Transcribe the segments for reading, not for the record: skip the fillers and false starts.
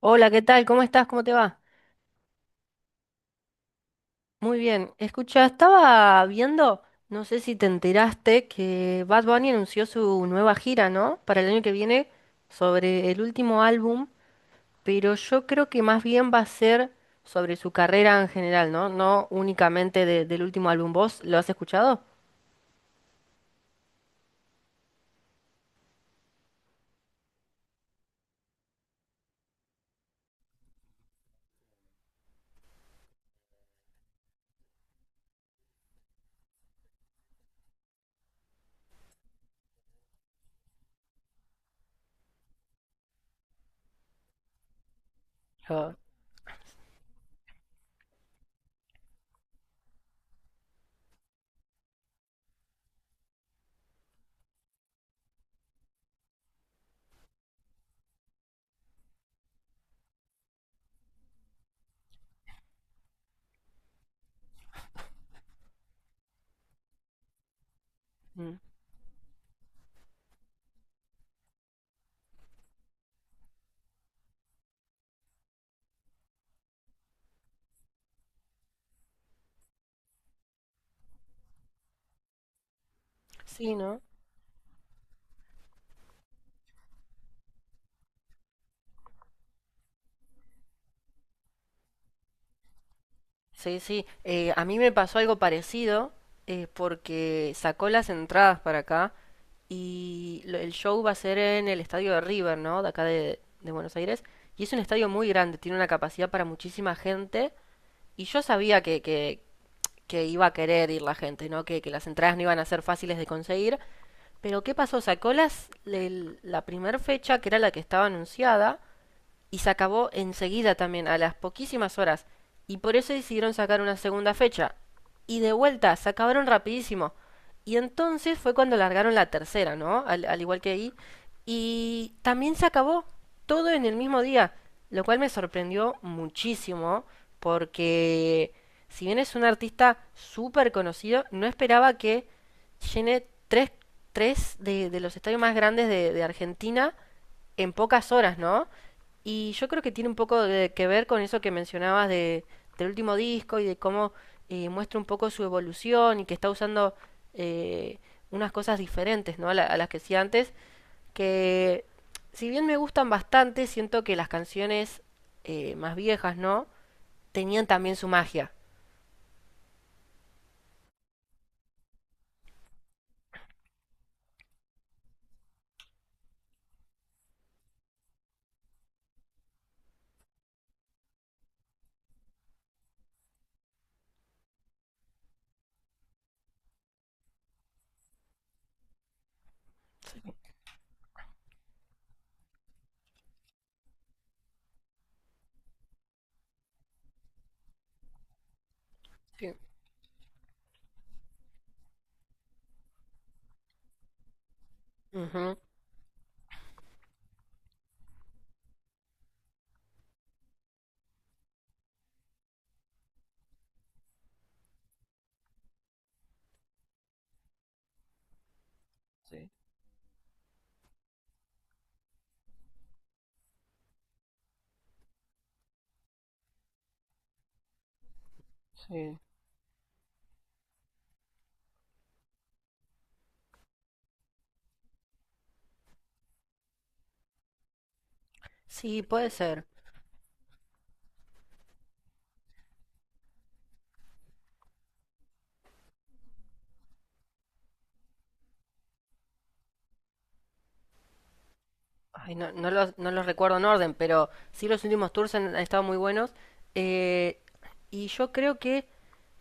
Hola, ¿qué tal? ¿Cómo estás? ¿Cómo te va? Muy bien. Escucha, estaba viendo, no sé si te enteraste, que Bad Bunny anunció su nueva gira, ¿no? Para el año que viene, sobre el último álbum, pero yo creo que más bien va a ser sobre su carrera en general, ¿no? No únicamente del último álbum. ¿Vos lo has escuchado? Yo- mm. Sí, ¿no? Sí, sí. A mí me pasó algo parecido, porque sacó las entradas para acá y el show va a ser en el estadio de River, ¿no? De acá de Buenos Aires. Y es un estadio muy grande, tiene una capacidad para muchísima gente. Y yo sabía que iba a querer ir la gente, ¿no? Que las entradas no iban a ser fáciles de conseguir. Pero ¿qué pasó? Sacó la primera fecha, que era la que estaba anunciada, y se acabó enseguida también, a las poquísimas horas. Y por eso decidieron sacar una segunda fecha. Y de vuelta, se acabaron rapidísimo. Y entonces fue cuando largaron la tercera, ¿no? Al igual que ahí. Y también se acabó todo en el mismo día, lo cual me sorprendió muchísimo porque, si bien es un artista súper conocido, no esperaba que llene tres de los estadios más grandes de Argentina en pocas horas, ¿no? Y yo creo que tiene un poco de, que ver con eso que mencionabas de, del último disco y de cómo, muestra un poco su evolución y que está usando, eh, unas cosas diferentes, ¿no? A, a las que hacía antes, que, si bien me gustan bastante, siento que las canciones, más viejas, ¿no? Tenían también su magia. Sí. Ujú. Sí, sí. Sí, puede ser. Ay, no, no los recuerdo en orden, pero sí los últimos tours han estado muy buenos. Eh, y yo creo que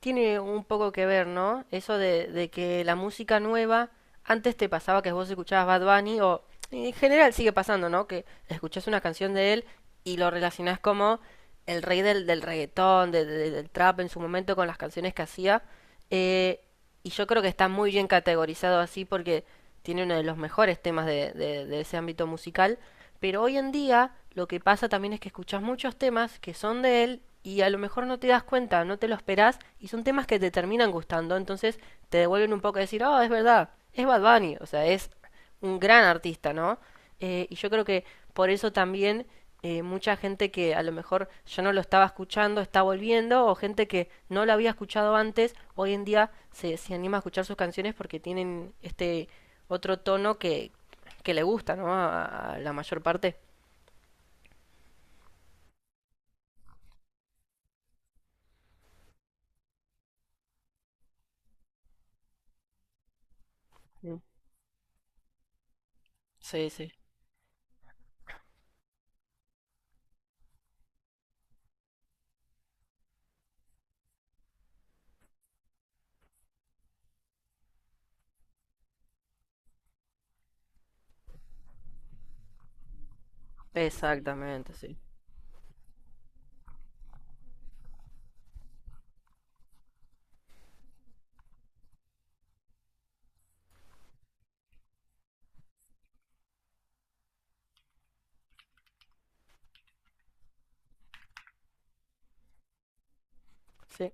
tiene un poco que ver, ¿no? Eso de que la música nueva, antes te pasaba que vos escuchabas Bad Bunny o en general sigue pasando, ¿no? Que escuchás una canción de él y lo relacionás como el rey del reggaetón, del trap en su momento con las canciones que hacía. Eh, y yo creo que está muy bien categorizado así porque tiene uno de los mejores temas de, de ese ámbito musical. Pero hoy en día lo que pasa también es que escuchas muchos temas que son de él y a lo mejor no te das cuenta, no te lo esperás y son temas que te terminan gustando. Entonces te devuelven un poco a decir, oh, es verdad, es Bad Bunny. O sea, es un gran artista, ¿no? Y yo creo que por eso también, mucha gente que a lo mejor yo no lo estaba escuchando está volviendo, o gente que no lo había escuchado antes hoy en día se anima a escuchar sus canciones porque tienen este otro tono que le gusta, ¿no? A la mayor parte. Sí, sí. Exactamente, sí. Sí,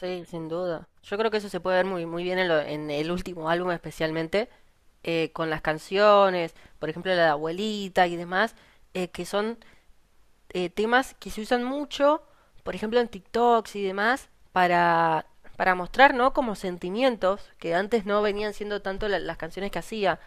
sí, sin duda. Yo creo que eso se puede ver muy, muy bien en, en el último álbum especialmente, con las canciones, por ejemplo, la de abuelita y demás, que son, temas que se usan mucho, por ejemplo en TikToks y demás, para mostrar, ¿no? Como sentimientos que antes no venían siendo tanto las canciones que hacía.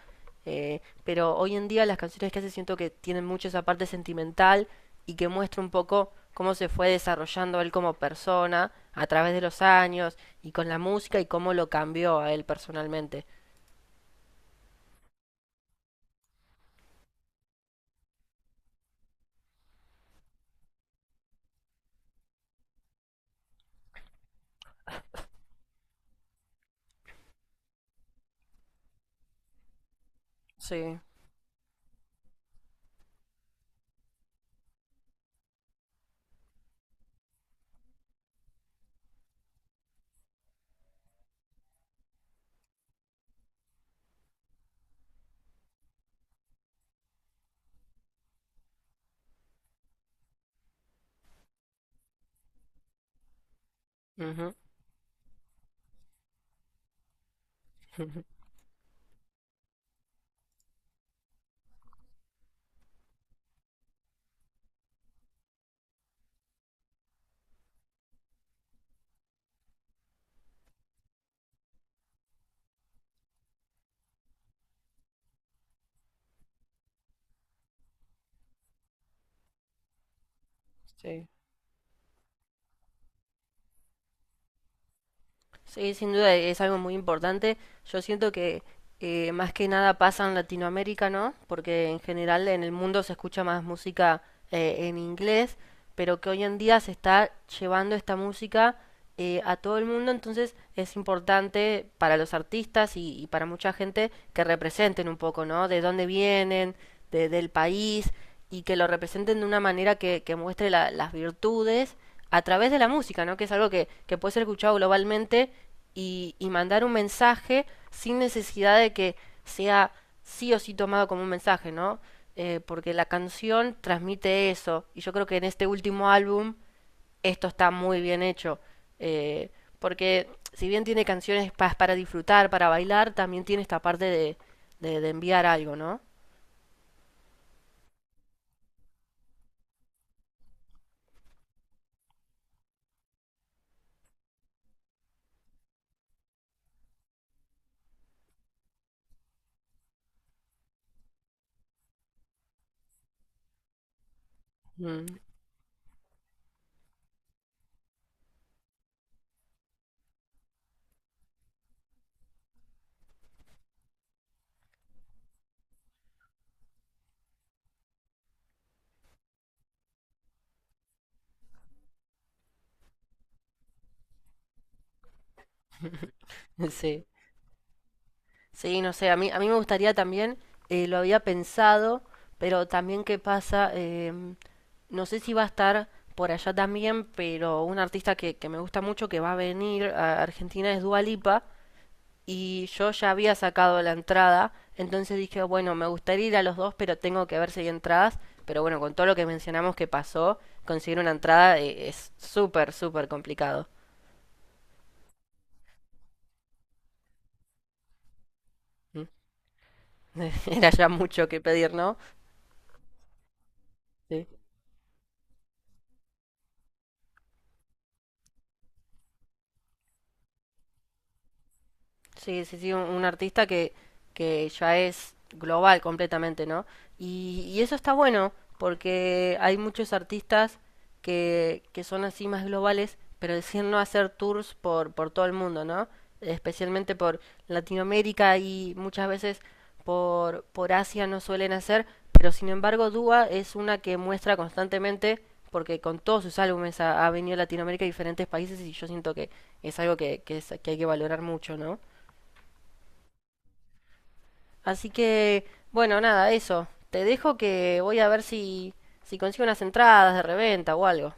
Pero hoy en día las canciones que hace siento que tienen mucho esa parte sentimental y que muestra un poco cómo se fue desarrollando él como persona a través de los años y con la música y cómo lo cambió a él personalmente. Sí. Ujú. Sí. Sí, sin duda es algo muy importante. Yo siento que, más que nada pasa en Latinoamérica, ¿no? Porque en general en el mundo se escucha más música, en inglés, pero que hoy en día se está llevando esta música, a todo el mundo, entonces es importante para los artistas y para mucha gente que representen un poco, ¿no? De dónde vienen, del país, y que lo representen de una manera que muestre las virtudes a través de la música, ¿no? Que es algo que puede ser escuchado globalmente y mandar un mensaje sin necesidad de que sea sí o sí tomado como un mensaje, ¿no? Porque la canción transmite eso. Y yo creo que en este último álbum esto está muy bien hecho. Eh, Porque si bien tiene canciones para disfrutar, para bailar, también tiene esta parte de enviar algo, ¿no? Mm, sí. Sí, no sé, a mí me gustaría también, lo había pensado, pero también qué pasa, no sé si va a estar por allá también, pero un artista que me gusta mucho que va a venir a Argentina es Dua Lipa, y yo ya había sacado la entrada, entonces dije, bueno, me gustaría ir a los dos, pero tengo que ver si hay entradas, pero bueno, con todo lo que mencionamos que pasó, conseguir una entrada, es súper, súper complicado. ¿Mm? Era ya mucho que pedir, ¿no? Sí. Sí, sí, sí, un artista que ya es global completamente, ¿no? Y eso está bueno, porque hay muchos artistas que son así más globales, pero deciden no hacer tours por todo el mundo, ¿no? Especialmente por Latinoamérica y muchas veces por Asia no suelen hacer, pero sin embargo Dua es una que muestra constantemente, porque con todos sus álbumes ha, ha venido a Latinoamérica y diferentes países y yo siento que es algo que, que hay que valorar mucho, ¿no? Así que, bueno, nada, eso. Te dejo que voy a ver si, si consigo unas entradas de reventa o algo.